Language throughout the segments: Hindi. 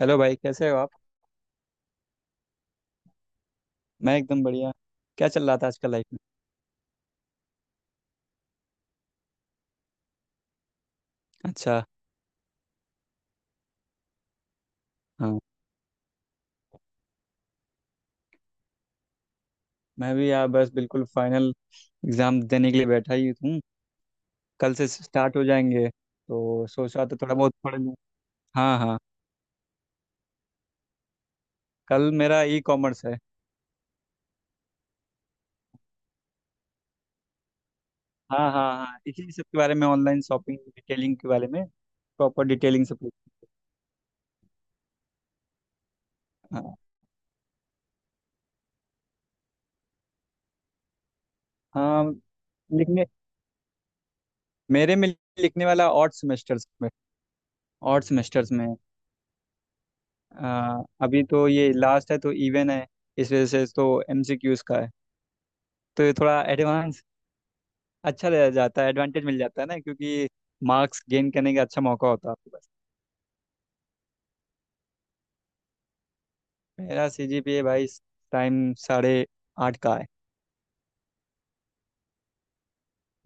हेलो भाई, कैसे हो आप। मैं एकदम बढ़िया। क्या चल रहा था आजकल लाइफ में। अच्छा। हाँ, मैं भी यार बस बिल्कुल फाइनल एग्जाम देने के लिए बैठा ही हूँ। कल से स्टार्ट हो जाएंगे तो सोचा तो थोड़ा बहुत पढ़ लूँ। हाँ हाँ। कल मेरा ई कॉमर्स है। हाँ हाँ हाँ, इसी सब के बारे में ऑनलाइन शॉपिंग डिटेलिंग के बारे में प्रॉपर डिटेलिंग से पूछ। हाँ हाँ। लिखने मेरे में लिखने वाला ऑड सेमेस्टर्स में है। आ, अभी तो ये लास्ट है तो इवन है। इस वजह से तो एमसीक्यूज का है। तो ये थोड़ा एडवांस अच्छा दिया जाता है, एडवांटेज मिल जाता है ना, क्योंकि मार्क्स गेन करने का अच्छा मौका होता है आपके पास। मेरा सीजीपीए भाई इस टाइम 8.5 का है।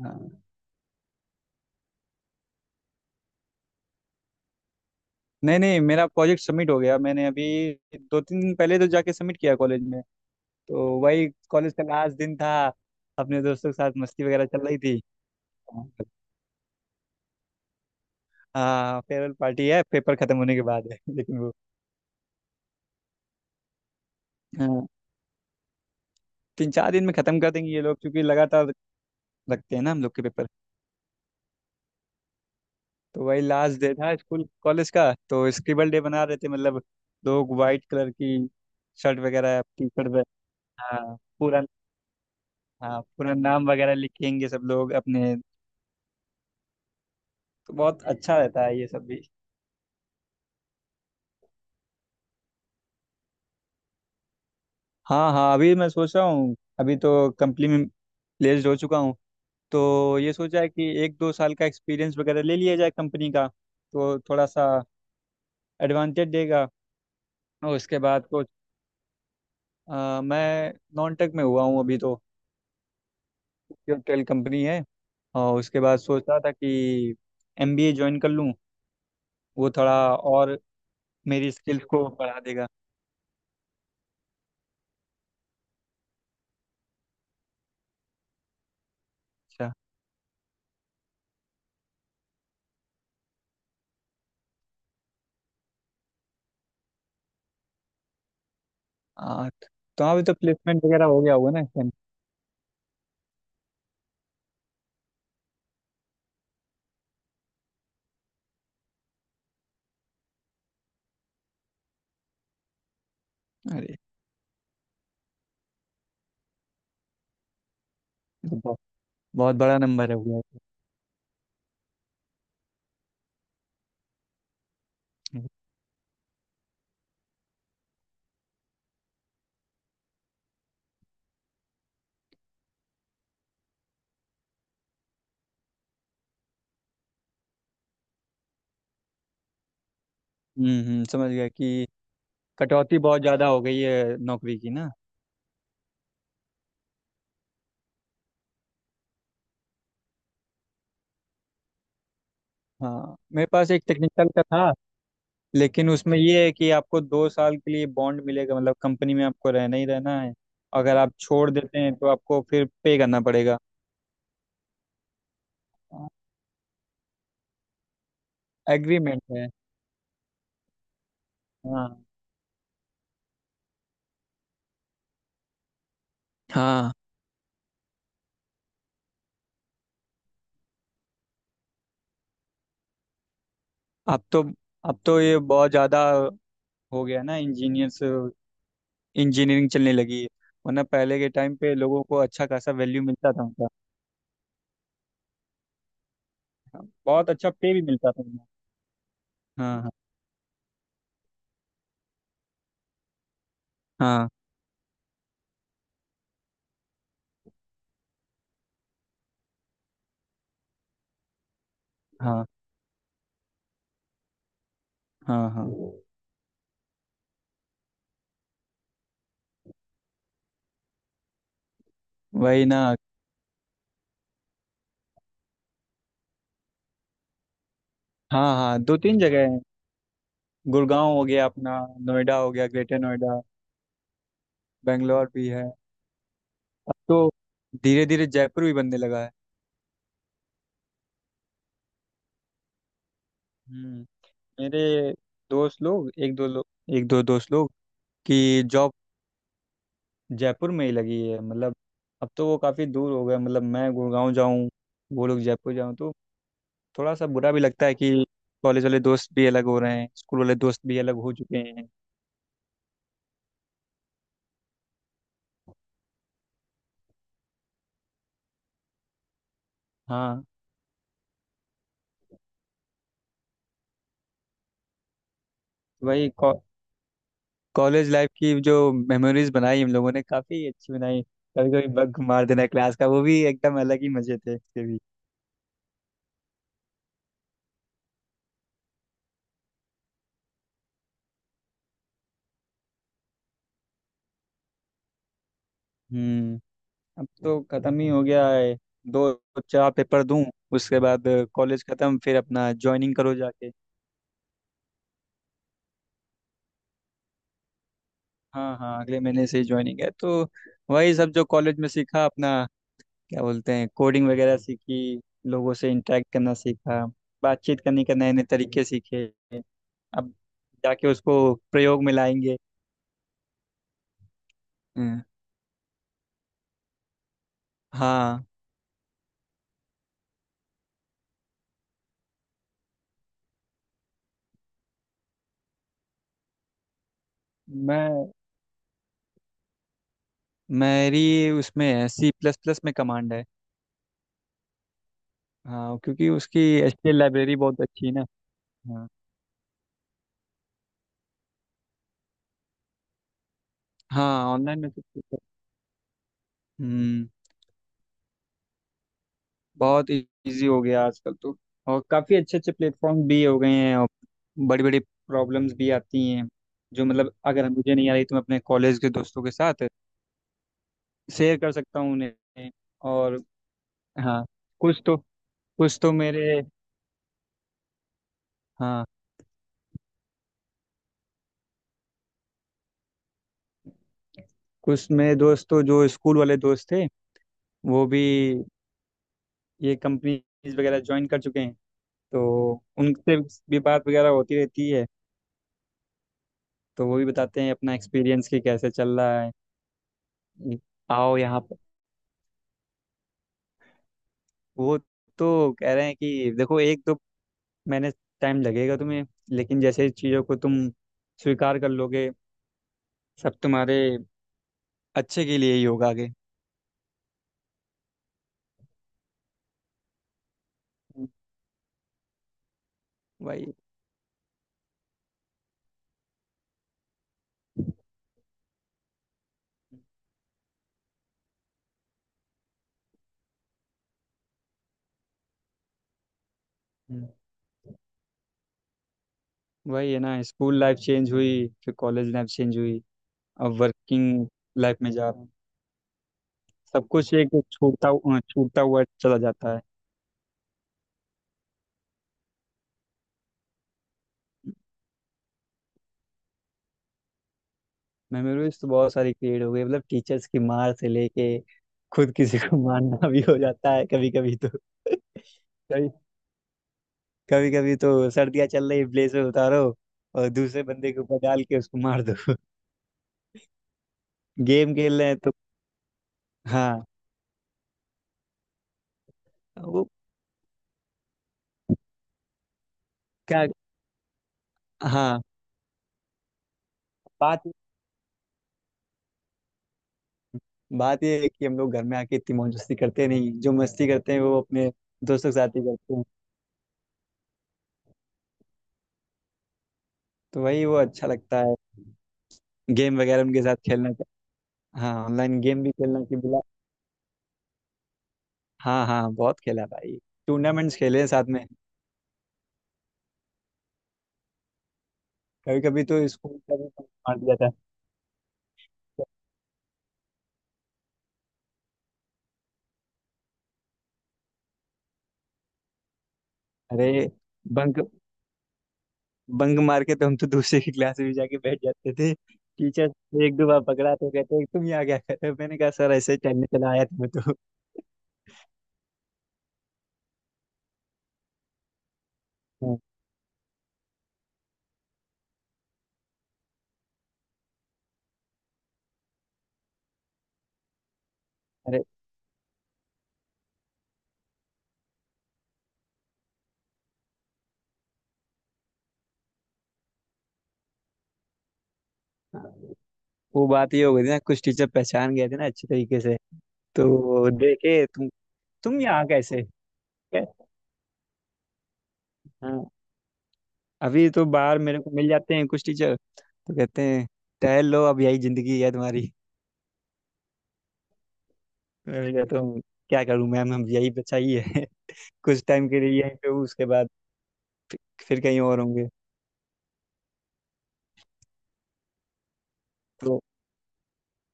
हाँ। नहीं नहीं, मेरा प्रोजेक्ट सबमिट हो गया, मैंने अभी दो तीन दिन पहले तो जाके सबमिट किया कॉलेज में। तो वही कॉलेज का लास्ट दिन था, अपने दोस्तों के साथ मस्ती वगैरह चल रही थी। हाँ, फेयरवेल पार्टी है, पेपर खत्म होने के बाद है। लेकिन वो, हाँ, तीन चार दिन में खत्म कर देंगे ये लोग क्योंकि लगातार रखते हैं ना हम लोग के पेपर। तो वही लास्ट डे था स्कूल कॉलेज का, तो स्क्रिबल डे बना रहे थे, मतलब लोग वाइट कलर की शर्ट वगैरह, टी शर्ट। हाँ पूरा, हाँ पूरा नाम वगैरह लिखेंगे सब लोग अपने। तो बहुत अच्छा रहता है ये सब भी। हाँ हाँ, अभी मैं सोच रहा हूँ, अभी तो कंपनी में प्लेस्ड हो चुका हूँ। तो ये सोचा है कि एक दो साल का एक्सपीरियंस वगैरह ले लिया जाए कंपनी का, तो थोड़ा सा एडवांटेज देगा। और उसके बाद कुछ, मैं नॉन टेक में हुआ हूँ अभी तो। टेल कंपनी है। और उसके बाद सोच रहा था कि एमबीए ज्वाइन कर लूँ, वो थोड़ा और मेरी स्किल्स को बढ़ा देगा। अच्छा। आ, तो हाँ, अभी तो प्लेसमेंट वगैरह हो गया होगा ना इस time? अरे, ये तो बहुत, बहुत बड़ा नंबर है हुआ है। हम्म, समझ गया कि कटौती बहुत ज़्यादा हो गई है नौकरी की ना। हाँ, मेरे पास एक टेक्निकल का था, लेकिन उसमें ये है कि आपको 2 साल के लिए बॉन्ड मिलेगा, मतलब कंपनी में आपको रहना ही रहना है। अगर आप छोड़ देते हैं तो आपको फिर पे करना पड़ेगा। एग्रीमेंट है, हाँ हाँ। अब तो अब तो ये बहुत ज़्यादा हो गया ना, इंजीनियर्स, इंजीनियरिंग चलने लगी है। वरना पहले के टाइम पे लोगों को अच्छा खासा वैल्यू मिलता था उनका। हाँ, बहुत अच्छा पे भी मिलता था उन्हें। हाँ हाँ हाँ हाँ हाँ। वही ना। हाँ हाँ, दो तीन जगह है। गुड़गांव हो गया अपना, नोएडा हो गया, ग्रेटर नोएडा, बेंगलोर भी है। अब तो धीरे धीरे जयपुर भी बनने लगा है। हम्म। मेरे दोस्त लोग, एक दो लोग, एक दो दोस्त लोग कि जॉब जयपुर में ही लगी है, मतलब अब तो वो काफ़ी दूर हो गया। मतलब मैं गुड़गांव जाऊँ, वो लोग जयपुर जाऊँ, तो थोड़ा सा बुरा भी लगता है कि कॉलेज वाले दोस्त भी अलग हो रहे हैं, स्कूल वाले दोस्त भी अलग हो चुके हैं। हाँ। तो भाई कॉलेज लाइफ की जो मेमोरीज बनाई हम लोगों ने, काफ़ी अच्छी बनाई। कभी कभी बग मार देना क्लास का, वो भी एकदम अलग ही मज़े थे उसके भी। हम्म। अब तो ख़त्म ही हो गया है, दो चार पेपर दूं उसके बाद कॉलेज ख़त्म, फिर अपना ज्वाइनिंग करो जाके। हाँ हाँ, अगले महीने से ही ज्वाइनिंग है। तो वही सब जो कॉलेज में सीखा अपना, क्या बोलते हैं, कोडिंग वगैरह सीखी, लोगों से इंटरेक्ट करना सीखा, बातचीत करने के नए नए तरीके सीखे, अब जाके उसको प्रयोग में लाएंगे। हम्म। हाँ मैं मेरी उसमें है, सी प्लस प्लस में कमांड है। हाँ, क्योंकि उसकी एचटीएल लाइब्रेरी बहुत अच्छी है ना। हाँ हाँ। ऑनलाइन में तो ठीक है। हम्म। बहुत इजी हो गया आजकल तो, और काफ़ी अच्छे अच्छे प्लेटफॉर्म भी हो गए हैं। और बड़ी बड़ी प्रॉब्लम्स भी आती हैं, जो मतलब अगर मुझे नहीं आ रही तो मैं अपने कॉलेज के दोस्तों के साथ शेयर कर सकता हूँ उन्हें। और हाँ, कुछ तो कुछ तो मेरे हाँ, कुछ मेरे दोस्त तो जो स्कूल वाले दोस्त थे, वो भी ये कंपनीज वगैरह ज्वाइन कर चुके हैं। तो उनसे भी बात वगैरह होती रहती है, तो वो भी बताते हैं अपना एक्सपीरियंस कि कैसे चल रहा है। आओ यहाँ। वो तो कह रहे हैं कि देखो, एक तो मैंने टाइम लगेगा तुम्हें, लेकिन जैसे चीज़ों को तुम स्वीकार कर लोगे, सब तुम्हारे अच्छे के लिए ही होगा आगे। वही। हम्म। वही है ना, स्कूल लाइफ चेंज हुई, फिर कॉलेज लाइफ चेंज हुई, अब वर्किंग लाइफ में जा रहा हूँ। सब कुछ एक छूटता हुआ चला जाता है। मेमोरीज तो बहुत सारी क्रिएट हो गई, मतलब टीचर्स की मार से लेके खुद किसी को मारना भी हो जाता है कभी कभी तो। कभी कभी कभी तो सर्दियां चल रही, ब्लेड से उतारो और दूसरे बंदे के ऊपर डाल के उसको मार दो। गेम खेल रहे हैं तो। हाँ, वो क्या, हाँ, बात बात ये है कि हम लोग घर में आके इतनी मौज मस्ती करते नहीं, जो मस्ती करते हैं वो अपने दोस्तों के साथ ही करते हैं। तो वही वो अच्छा लगता है, गेम वगैरह उनके साथ खेलना। हाँ, ऑनलाइन गेम भी खेलना के बिला। हाँ हाँ, बहुत खेला भाई, टूर्नामेंट्स खेले हैं साथ में। कभी कभी तो स्कूल का भी बंक मार दिया था। अरे, बंक बंक मार के तो हम तो दूसरे की क्लास में जाके बैठ जाते थे। टीचर एक दो बार पकड़ा तो कहते तुम यहाँ क्या कर रहे हो, मैंने कहा सर ऐसे ही टहलने चला आया था मैं तो। हाँ, अरे हाँ, वो बात ये हो गई थी ना, कुछ टीचर पहचान गए थे ना अच्छे तरीके से। तो देखे तुम यहाँ कैसे। कै- हाँ। अभी तो बाहर मेरे को मिल जाते हैं कुछ टीचर, तो कहते हैं टहल लो, अब यही जिंदगी है तुम्हारी। मैंने कहा तो क्या करूं मैम, हम यही बचा ही है। कुछ टाइम के लिए यहीं पे हूँ उसके बाद फिर फिर कहीं और होंगे। तो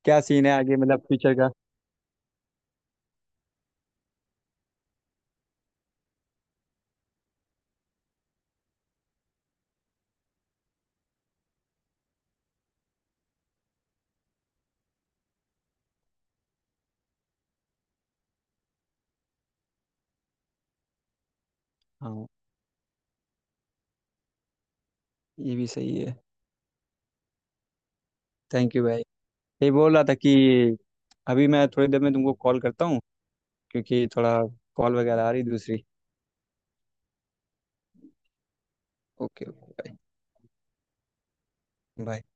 क्या सीन है आगे, मतलब फ्यूचर का। हाँ, ये भी सही है, थैंक यू भाई। ये बोल रहा था कि अभी मैं थोड़ी देर में तुमको कॉल करता हूँ क्योंकि थोड़ा कॉल वगैरह आ रही दूसरी। ओके ओके भाई, बाय।